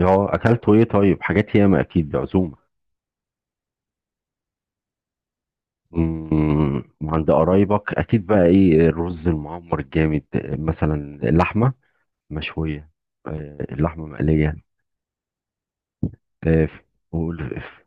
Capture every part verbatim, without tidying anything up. اه اكلته ايه؟ طيب حاجات ياما، اكيد دي عزومه. مم، وعند قرايبك اكيد بقى ايه؟ الرز المعمر الجامد، آه، مثلا اللحمه مشويه، آه، اللحمه مقليه. آه، ف- وال- ف-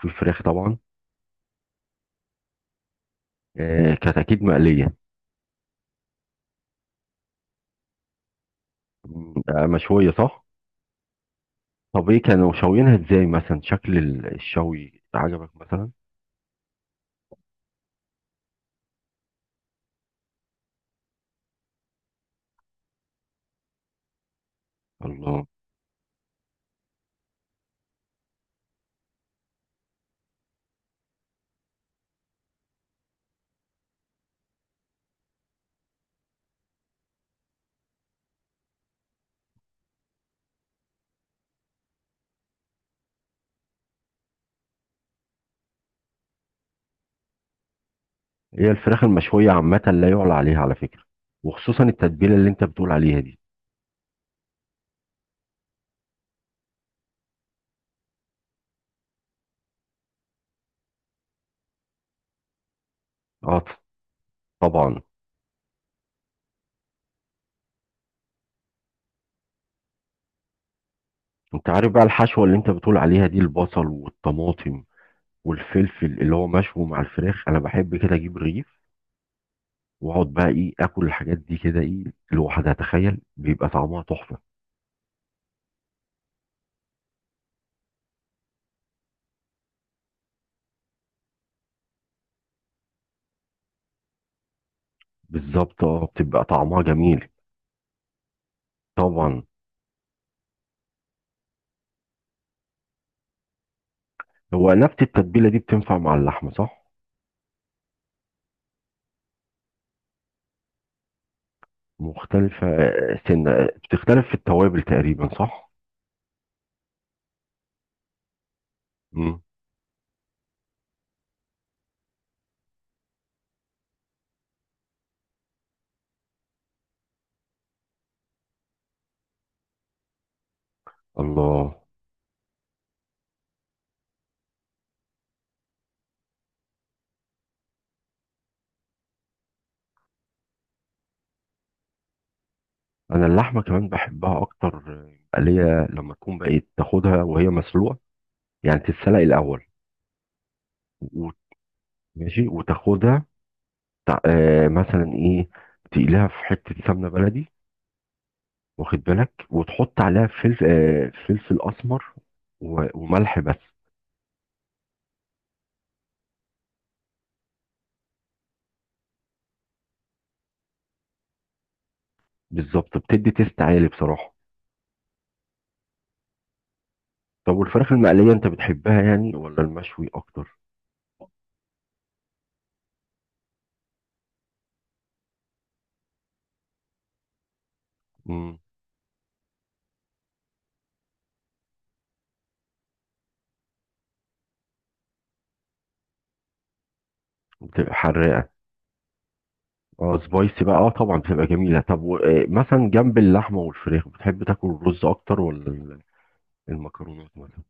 في فراخ طبعا. آه، كانت اكيد مقليه. مم، آه، مشويه صح. طب ايه كانوا شاويينها ازاي؟ مثلا شكل ال- الشوي عجبك مثلا؟ الله. هي الفراخ المشويه عامه لا يعلى عليها على فكره، وخصوصا التتبيله اللي انت بتقول عليها دي. اه طبعا. انت عارف بقى الحشوة اللي انت بتقول عليها دي، البصل والطماطم والفلفل اللي هو مشوي مع الفراخ، انا بحب كده اجيب رغيف واقعد بقى ايه، اكل الحاجات دي كده ايه، لوحدها، تخيل بيبقى طعمها تحفة. بالظبط اه، بتبقى طعمها جميل. طبعا. هو نفس التتبيلة دي بتنفع مع اللحمة صح؟ مختلفة، آه، سنة، آه، بتختلف في التوابل تقريبا صح؟ مم. الله. انا اللحمة كمان بحبها اكتر، آه، اللي هي لما تكون بقت تاخدها وهي مسلوقة، يعني تتسلق الاول، ماشي، وتاخدها تع- آه مثلا ايه، تقليها في حته سمنه بلدي، واخد بالك، وتحط عليها فلفل آه فلفل اسمر و- وملح بس. بالظبط، بتدي تيست عالي بصراحه. طب والفراخ المقليه انت بتحبها يعني ولا المشوي اكتر؟ امم. بتبقى حراقه. اه سبايسي بقى، اه طبعا بتبقى جميله. طب و- آه مثلا جنب اللحمه والفراخ بتحب تاكل الرز اكتر ولا ال- المكرونات مثلا؟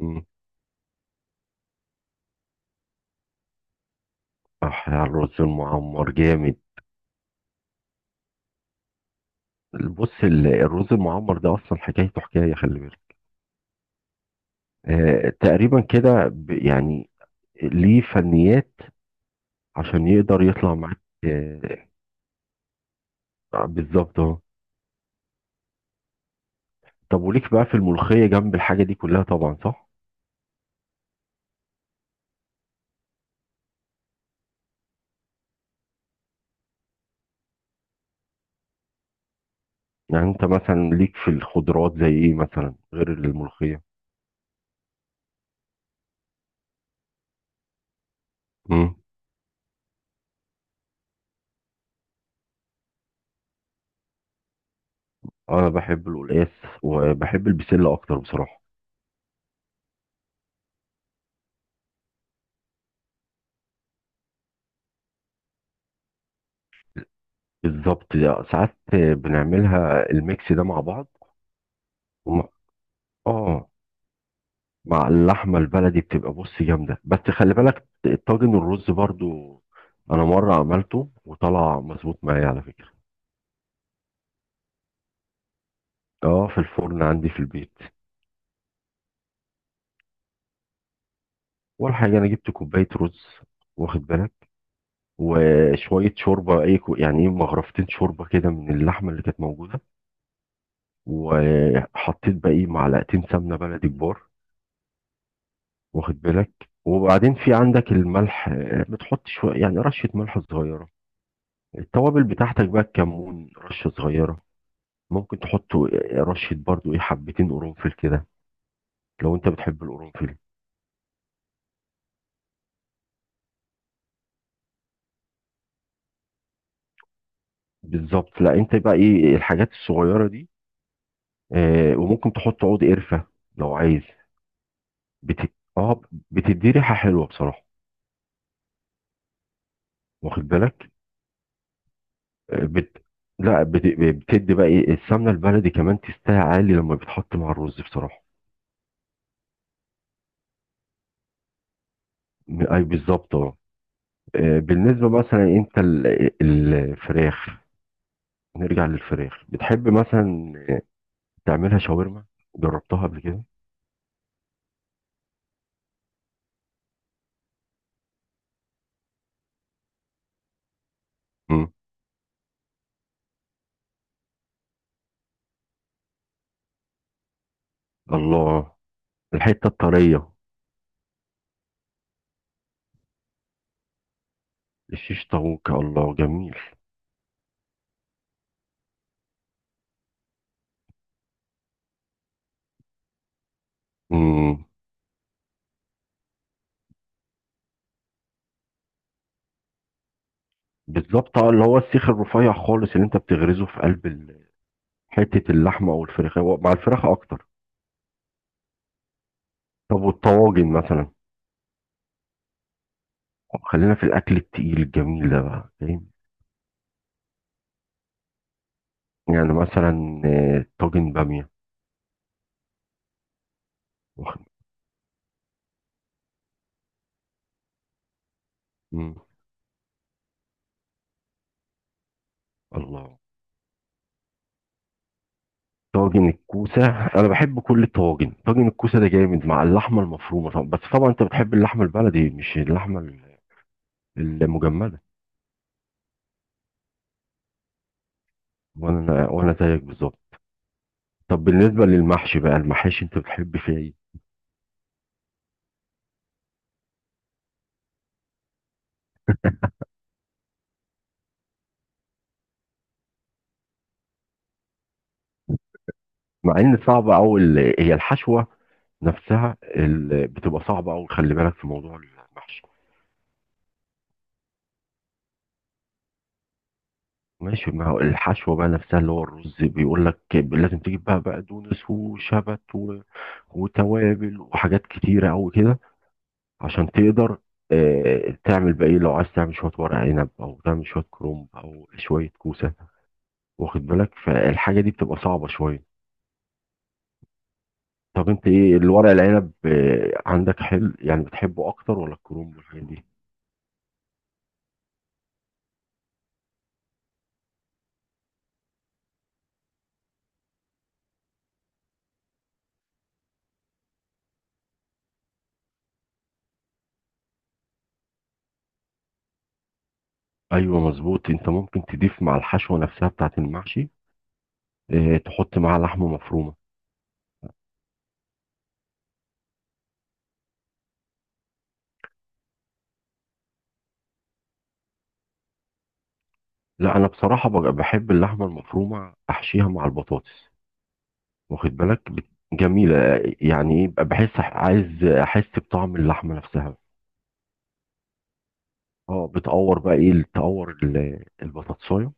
امم. صح، الرز المعمر جامد. بص ال- الرز المعمر ده اصلا حكايته حكايه، خلي بالك. آه تقريبا كده ب- يعني ليه فنيات عشان يقدر يطلع معاك. آه بالظبط اهو. طب وليك بقى في الملوخيه جنب الحاجه دي كلها طبعا صح؟ يعني انت مثلا ليك في الخضروات زي ايه مثلا غير الملوخيه؟ امم. انا بحب القلقاس، وبحب البسله اكتر بصراحه. بالظبط. لا، ساعات بنعملها الميكس ده مع بعض. وم- اه، مع اللحمه البلدي بتبقى، بص، جامده. بس خلي بالك الطاجن الرز برضو، انا مره عملته وطلع مظبوط معايا على فكره. اه في الفرن عندي في البيت. اول حاجه انا جبت كوبايه رز، واخد بالك، وشويه شوربه، اي كو- يعني ايه، مغرفتين شوربه كده من اللحمه اللي كانت موجوده، وحطيت باقي معلقتين سمنه بلدي كبار، واخد بالك. وبعدين في عندك الملح، آه، بتحط شويه، يعني رشه ملح صغيره. التوابل بتاعتك بقى، الكمون رشه صغيره. ممكن تحط رشة برضو ايه، حبتين قرنفل كده، لو انت بتحب القرنفل. بالظبط، لا انت بقى ايه الحاجات الصغيرة دي. آه وممكن تحط عود قرفة لو عايز. بت... اه، بتدي ريحة حلوة بصراحة، واخد بالك. آه، بت... لا بت... بتدي بقى ايه، السمنة البلدي كمان تستاهل عالي لما بتحط مع الرز بصراحة. م- اي بالظبط اه. آه، بالنسبة مثلا انت ال- الفراخ، نرجع للفراخ، بتحب مثلا تعملها شاورما؟ جربتها قبل كده؟ مم. الله. الحتة الطرية. الشيش طاووق، الله، جميل. امم. بالظبط اه، اللي هو السيخ الرفيع خالص اللي انت بتغرزه في قلب ال- حتة اللحمة او الفراخ، هو مع الفراخ اكتر. طب والطواجن مثلا؟ خلينا في الاكل التقيل الجميل ده بقى فاهم. يعني مثلا آه، طاجن بامية. واخد- مم. الله، طاجن الكوسة. انا بحب كل الطواجن، طاجن الكوسة ده جامد مع اللحمة المفرومة طبعا. بس طبعا انت بتحب اللحمة البلدي مش اللحمة ال- المجمدة. وانا وانا زيك بالظبط. طب بالنسبه للمحشي بقى، المحاشي انت بتحب فيها ايه؟ مع ان صعب، او ال- هي الحشوه نفسها ال- بتبقى صعبه، او خلي بالك في موضوع المحشي. ماشي، ما هو الحشوه بقى نفسها، اللي هو الرز بيقول لك لازم تجيب بقى بقدونس وشبت و... وتوابل وحاجات كتيره قوي كده، عشان تقدر، آه، تعمل بقى ايه، لو عايز تعمل شويه ورق عنب او تعمل شويه كرنب او شويه كوسه، واخد بالك. فالحاجه دي بتبقى صعبه شويه. طب انت ايه الورق العنب، آه، عندك حلو يعني، بتحبه اكتر ولا الكرنب والحاجات دي؟ ايوه مظبوط، انت ممكن تضيف مع الحشوه نفسها بتاعت المحشي، اه، تحط معاها لحمه مفرومه. لا انا بصراحه بج- بحب اللحمه المفرومه احشيها مع البطاطس، واخد بالك. بت- جميله، آه، يعني ايه بقى، بحس أح- عايز احس بطعم اللحمه نفسها. اه بتقور بقى ايه، تقور ال- البطاطسايه،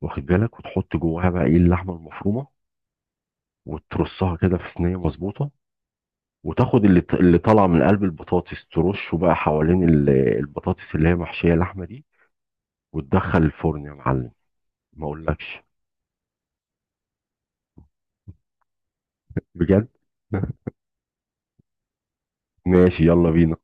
واخد بالك، وتحط جواها بقى ايه اللحمه المفرومه، وترصها كده في صينيه مظبوطه، وتاخد اللي اللي طالعه من قلب البطاطس، ترشه بقى حوالين ال- البطاطس اللي هي محشيه لحمه دي، وتدخل الفرن يا معلم. ما اقولكش بجد. ماشي، يلا بينا.